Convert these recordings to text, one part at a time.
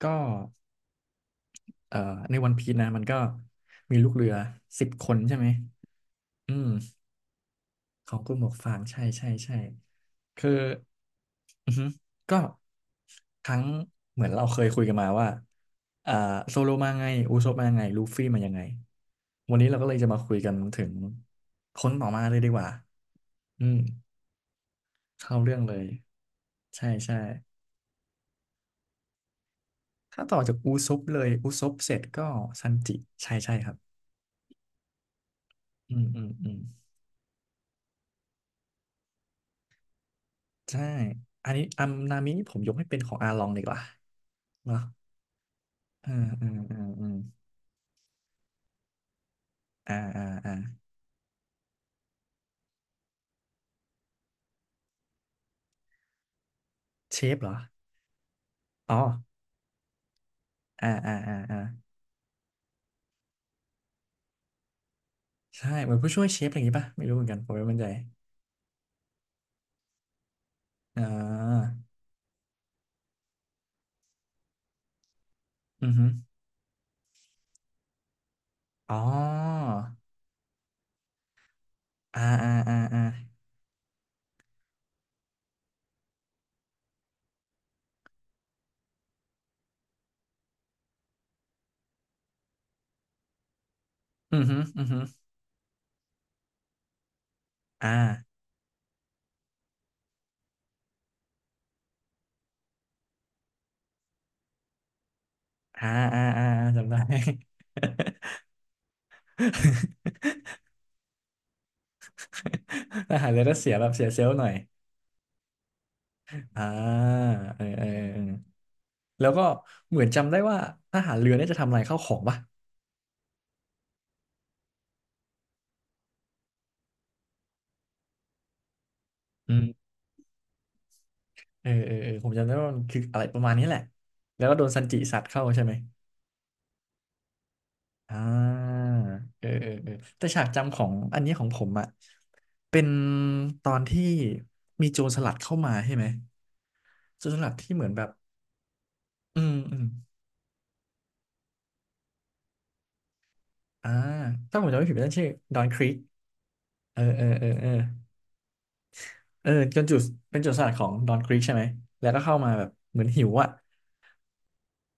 ก็เอ่อในวันพีชนะมันก็มีลูกเรือสิบคนใช่ไหมอืมของกลุ่มหมวกฟางใช่ใช่ใช่คืออือฮึก็ทั้งเหมือนเราเคยคุยกันมาว่าอ่าโซโลมาไงอูซบมาไงลูฟี่มายังไงวันนี้เราก็เลยจะมาคุยกันถึงคนต่อมาเลยดีกว่าอืมเข้าเรื่องเลยใช่ใช่ถ้าต่อจากอูซบเลยอูซบเสร็จก็ซันจิใช่ใช่ครับอืมอืมอืม ใช่อันนี้อัมนามิผมยกให้เป็นของอาลองดีกว่าเนาะอ่าอ่าอ่าอืมอ่าอ่าอ่าเชฟเหรออ๋ออ่าอ่าอ่าอ่าใช่เหมือนผู้ช่วยเชฟอะไรอย่างงี้ป่ะไม่รู้เหมือนกันผมไม่มั่นใจอ่าอือฮึอ๋ออ่าอ่าอ่าอ่าอือฮึอือฮึอ่าอ่าอ่าอ่าอ่าจำได้ ทหารเรือต้องเสียแบบเสียเซลล์หน่อยอ่าเออเออเออแล้วก็เหมือนจำได้ว่าทหารเรือเนี่ยจะทำลายข้าวของป่ะ อืมเออเออเออผมจำได้ว่ามันคืออะไรประมาณนี้แหละแล้วก็โดนซันจิสัตว์เข้าใช่ไหมอ่าเออเออเออแต่ฉากจำของอันนี้ของผมอ่ะเป็นตอนที่มีโจรสลัดเข้ามาใช่ไหมโจรสลัดที่เหมือนแบบอืมอืมอ่าถ้าผมจำไม่ผิดนั่นชื่อดอนครีกเออเออเออเออเออจนจุดเป็นโจรสลัดของดอนครีกใช่ไหมแล้วก็เข้ามาแบบเหมือนหิวอ่ะ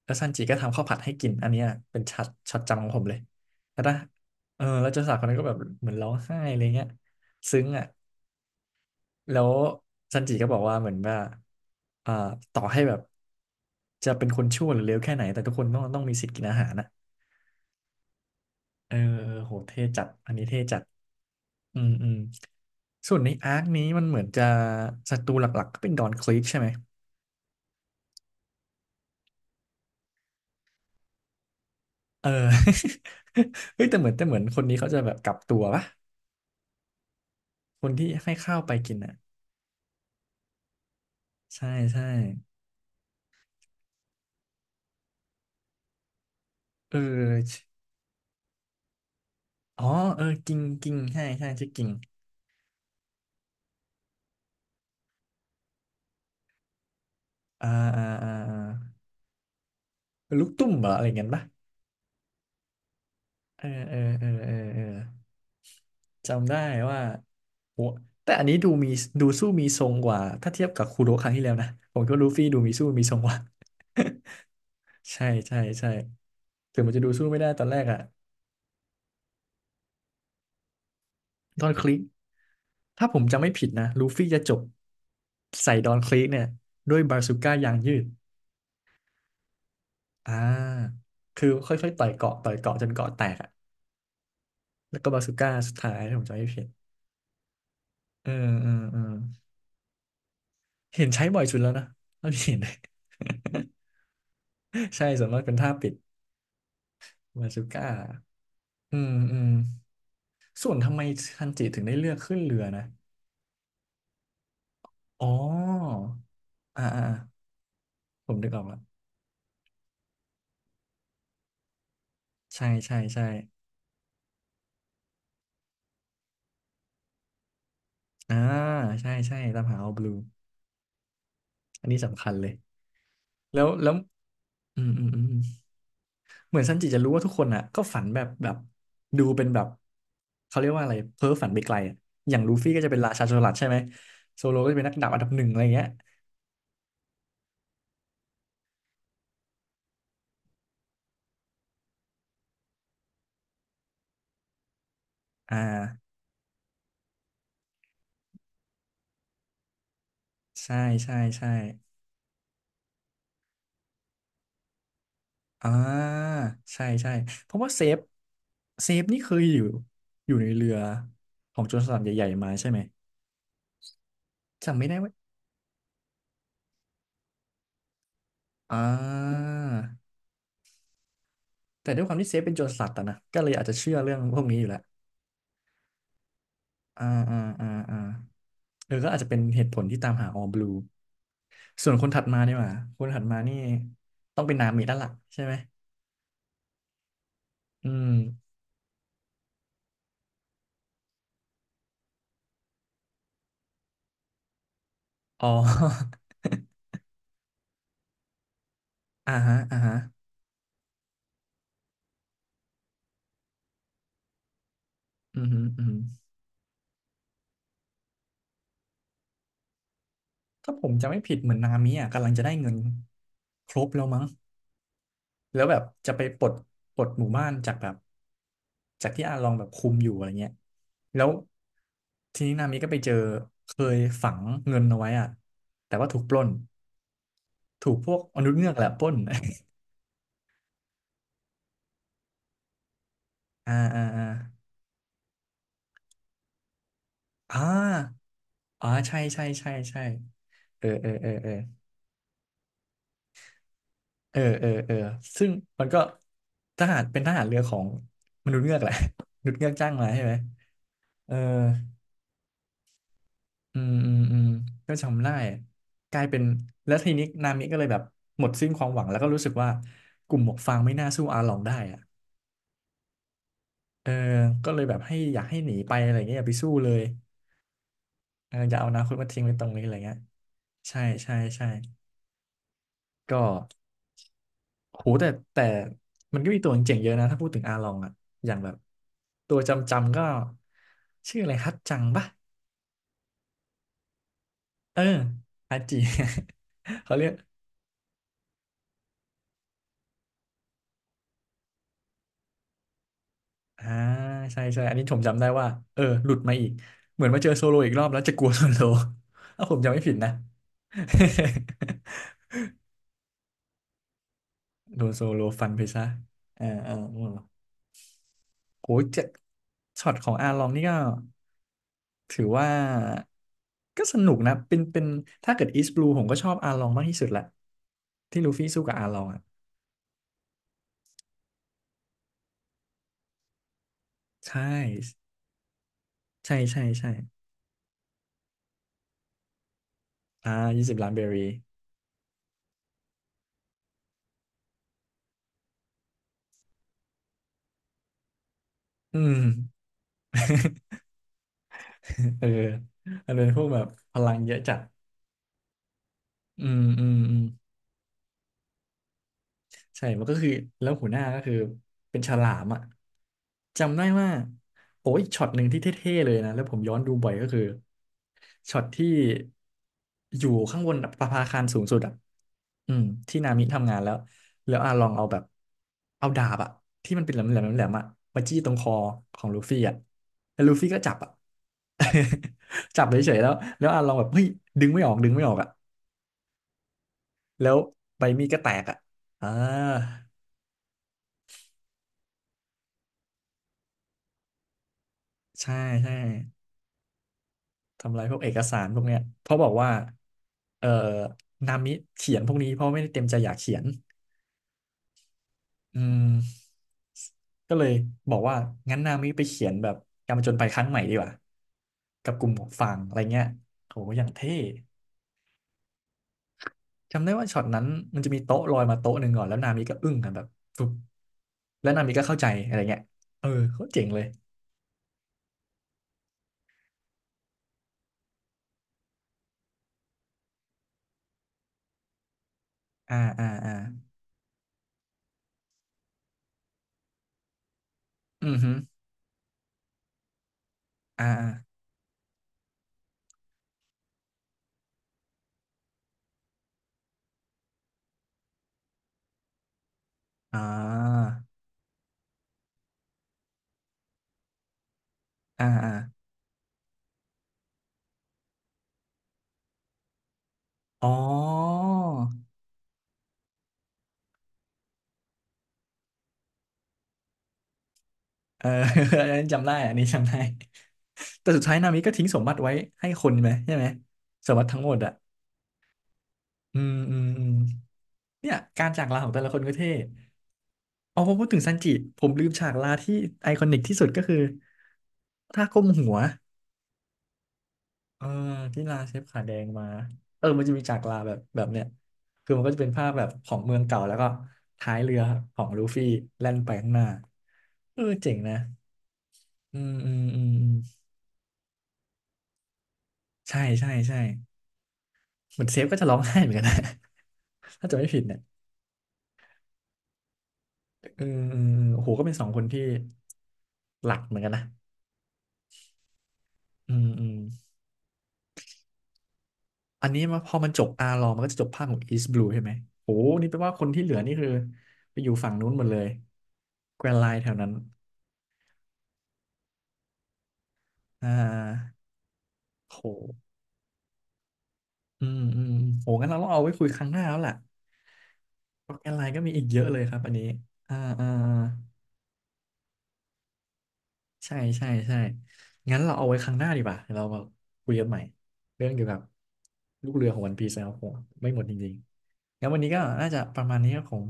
แล้วซันจีก็ทำข้าวผัดให้กิน อันเนี้ยเป็นช็อตช็อตจำของผมเลยแล้วนะเออแล้วเจ้าสาวคนนั้นก็แบบเหมือนร้องไห้อะไรเงี้ยซึ้งอ่ะแล้วซันจิก็บอกว่าเหมือนว่าอ่าต่อให้แบบจะเป็นคนชั่วหรือเลวแค่ไหนแต่ทุกคนต้องมีสิทธิ์กินอาหารนะเออเออโหเท่จัดอันนี้เท่จัดอืมอืมส่วนในอาร์คนี้มันเหมือนจะศัตรูหลักๆก็เป็นดอนคลิกใช่ไหมเออ เฮ้ย แต่เหมือนแต่เหมือนคนนี้เขาจะแบบกลับตัวปะคนที่ให้ข้าวไปกินอ่ะ ใช่ใช่เออชิอ๋อ เออ กิ่งกิ่งใช่ใช่ชื่อกิ่งอ่าอ่าอ่าอ่าลูกตุ้มเหรออะไรเงี้ยปะเออเออเออเออเออจำได้ว่า แต่อันนี้ดูมีดูสู้มีทรงกว่า ถ้าเทียบกับคูโร่ครั้งที่แล้วนะ ผมก็ลูฟี่ดูมีสู้มีทรงกว่า ใช่ใช่ใช่ถึงมันจะดูสู้ไม่ได้ตอนแรกอะดอนคลิกถ้าผมจำไม่ผิดนะลูฟี่จะจบใส่ดอนคลิกเนี่ยด้วยบาซูก้ายางยืดอ่าคือค่อยๆต่อยเกาะต่อยเกาะจนเกาะแตก แล้วก็บาซูก้าสุดท้ายถ้าผมจำไม่ผิดเออเออเออเห็นใช้บ่อยสุดแล้วนะเท่าที่เห็น ใช่ส่วนมากเป็นท่าปิดบาซูก้าอืมอืมส่วนทำไมทันจิถึงได้เลือกขึ้นเรือนะ อ๋ออ่าอ่าอ่าผมนึกออกแลวใช่ใช่ใช่อ่าใช่ใช่ตามหาเอาบลูอันนี้สำคัญเลยแล้วแล้วอืมอืมอืม เหมือนซันจิจะรู้ว่าทุกคนอ่ะก็ฝันแบบดูเป็นแบบเขาเรียกว่าอะไรเพ้อฝันไปไกลอะอย่างลูฟี่ก็จะเป็นราชาโจรสลัดใช่ไหมโซโลก็จะเป็นนักดาบอันดับหนึ่งอะไรเงี้ยอ่าใช่ใช่ใช่อ่าใช่ใช่เพราะว่าเซฟเซฟนี่เคยอยู่อยู่ในเรือของโจรสลัดใหญ่ๆมาใช่ไหมจำไม่ได้ว่าอ่าแต่ด้วยความที่เซฟเป็นโจรสลัดอะนะก็เลยอาจจะเชื่อเรื่องพวกนี้อยู่แล้ว อ่าอ่าอ่าอ่าเออก็อาจจะเป็นเหตุผลที่ตามหาออ l ลูส่วนคนถัดมาเนี่ยว่าคนถัดมานี่ต้องเป็นนามิแล้วล่ะใช่ไหมอืมอ๋อ อ่าฮะอ่าฮะอืมฮึอืมฮึถ้าผมจะไม่ผิดเหมือนนามิอ่ะกำลังจะได้เงินครบแล้วมั้งแล้วแบบจะไปปลดหมู่บ้านจากแบบจากที่อาลองแบบคุมอยู่อะไรเงี้ยแล้วทีนี้นามิก็ไปเจอเคยฝังเงินเอาไว้อ่ะแต่ว่าถูกปล้น ถูกพวกมนุษย์เงือกแหละปล้น อ่าอ่าอ่าอ่าอ๋อใช่ใช่ใช่ใช่เออเออเออเออเออเออเออซึ่งมันก็ทหารเป็นทหารเรือของมนุษย์เงือกแหละ มนุษย์เงือกจ้างมาใช่ไหมเอออืมอืมอืมก็จำได้กลายเป็นแล้วทีนี้นามิก็เลยแบบหมดสิ้นความหวังแล้วก็รู้สึกว่ากลุ่มหมวกฟางไม่น่าสู้อาหลองได้อะเออก็เลยแบบให้อยากให้หนีไปอะไรเงี้ยอย่าไปสู้เลย เอออย่าเอาอนาคตมาทิ้งไว้ตรงนี้อะไรเงี้ยใช่ใช่ใช่ก็โหแต่มันก็มีตัวเจ๋งๆเยอะนะถ้าพูดถึงอาลองอะอย่างแบบตัวจำก็ชื่ออะไรฮัตจังปะเอออาจี เขาเรียกอ่าใช่ใช่อันนี้ผมจำได้ว่าเออหลุดมาอีกเหมือนมาเจอโซโลอีกรอบแล้วจะกลัวโซโล ถ้าผมจำไม่ผิดนะ โดนโซโลฟันไปซะเออเออโอ้โหเจ็ดช็อตของอาลองนี่ก็ ถือว่าก็สนุกนะเป็นถ้าเกิดอีส b บลูผมก็ชอบอาลองมากที่สุดแหละที่ลูฟี่สู้กับอาลองอ่ะใช่ใช่ใช่ใช่อ่า20 ล้านเบอร์รี่อืม เออมันเป็นพวกแบบพลังเยอะจัดอืมอืมอืม ใช่มันก็คือแล้วหัวหน้าก็คือเป็นฉลามอ่ะจำได้ว่าโอ้ยช็อตหนึ่งที่เท่ๆเลยนะแล้วผมย้อนดูบ่อยก็คือช็อตที่อยู่ข้างบนประภาคารสูงสุดอ่ะอืมที่นามิทำงานแล้วแล้วอาลองเอาแบบเอาดาบอ่ะที่มันเป็นแหลมๆแหลมๆอ่ะมาจี้ตรงคอของลูฟี่อ่ะแล้วลูฟี่ก็จับอ่ะ จับเฉยๆแล้วแล้วอาลองแบบเฮ้ยดึงไม่ออกดึงไม่ออกอ่ะแล้วใบมีดก็แตกอ่ะอ่า ใช่ใช่ทำลายพวกเอกสารพวกเนี้ยเพราะบอกว่าเอ่อนามิเขียนพวกนี้เพราะไม่ได้เต็มใจอยากเขียนอืมก็เลยบอกว่างั้นนามิไปเขียนแบบการผจญภัยครั้งใหม่ดีกว่ากับกลุ่มของฝั่งอะไรเงี้ยโหอย่างเท่จำได้ว่าช็อตนั้นมันจะมีโต๊ะลอยมาโต๊ะหนึ่งก่อนแล้วนามิก็อึ้งกันแบบปุ๊บแล้วนามิก็เข้าใจอะไรเงี้ยเออเขาเจ๋งเลยอ่าอ่าอ่าอือฮึอ่าอ่าอ่าอ่า อ๋อ เออ อันนั้นจำได้อันนี้จำได้ แต่สุดท้ายนามิก็ทิ้งสมบัติไว้ให้คนไหมใช่ไหมสมบัติทั้งหมดอ่ะ อืมอืมอืมเนี่ยการจากลาของแต่ละคนก็เท่เอาพอพูดถึงซันจิผมลืมฉากลาที่ไอคอนิกที่สุดก็คือท่าก้มหัวเออที่ลาเชฟขาแดงมา เออมันจะมีฉากลาแบบเนี้ยคือมันก็จะเป็นภาพแบบของเมืองเก่าแล้วก็ท้ายเรือของลูฟี่แล่นไปข้างหน้าเออเจ๋งนะอืมอืมอืมอืม ใช่ใช่ใช่เหมือนเซฟก็จะร้องไห้เหมือนกันนะ ถ้าจะไม่ผิดเนี่ยเออเออเออโอ้โหก็เป็นสองคนที่หลักเหมือนกันนะอืมอืมอันนี้มาพอมันจบอาร์ลอมันก็จะจบภาคของอีสต์บลูใช่ไหมโอ้โหนี่แปลว่าคนที่เหลือนี่คือไปอยู่ฝั่งนู้นหมดเลยแกรนไลน์แถวนั้นอ่าโหอืมอืมโหงั้นเราต้องเอาไว้คุยครั้งหน้าแล้วล่ะเพราะแกรนไลน์ก็มีอีกเยอะเลยครับอันนี้อ่าอ่า ใช่ใช่ใช่ งั้นเราเอาไว้ครั้งหน้าดีกว่าเดี๋ยวเรามาคุยกันใหม่ เรื่องเกี่ยวกับลูกเรือของวันพีซนะครับผมไม่หมดจริงๆงั้นวันนี้ก็น่าจะประมาณนี้ครับผม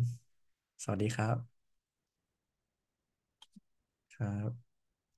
สวัสดีครับครับ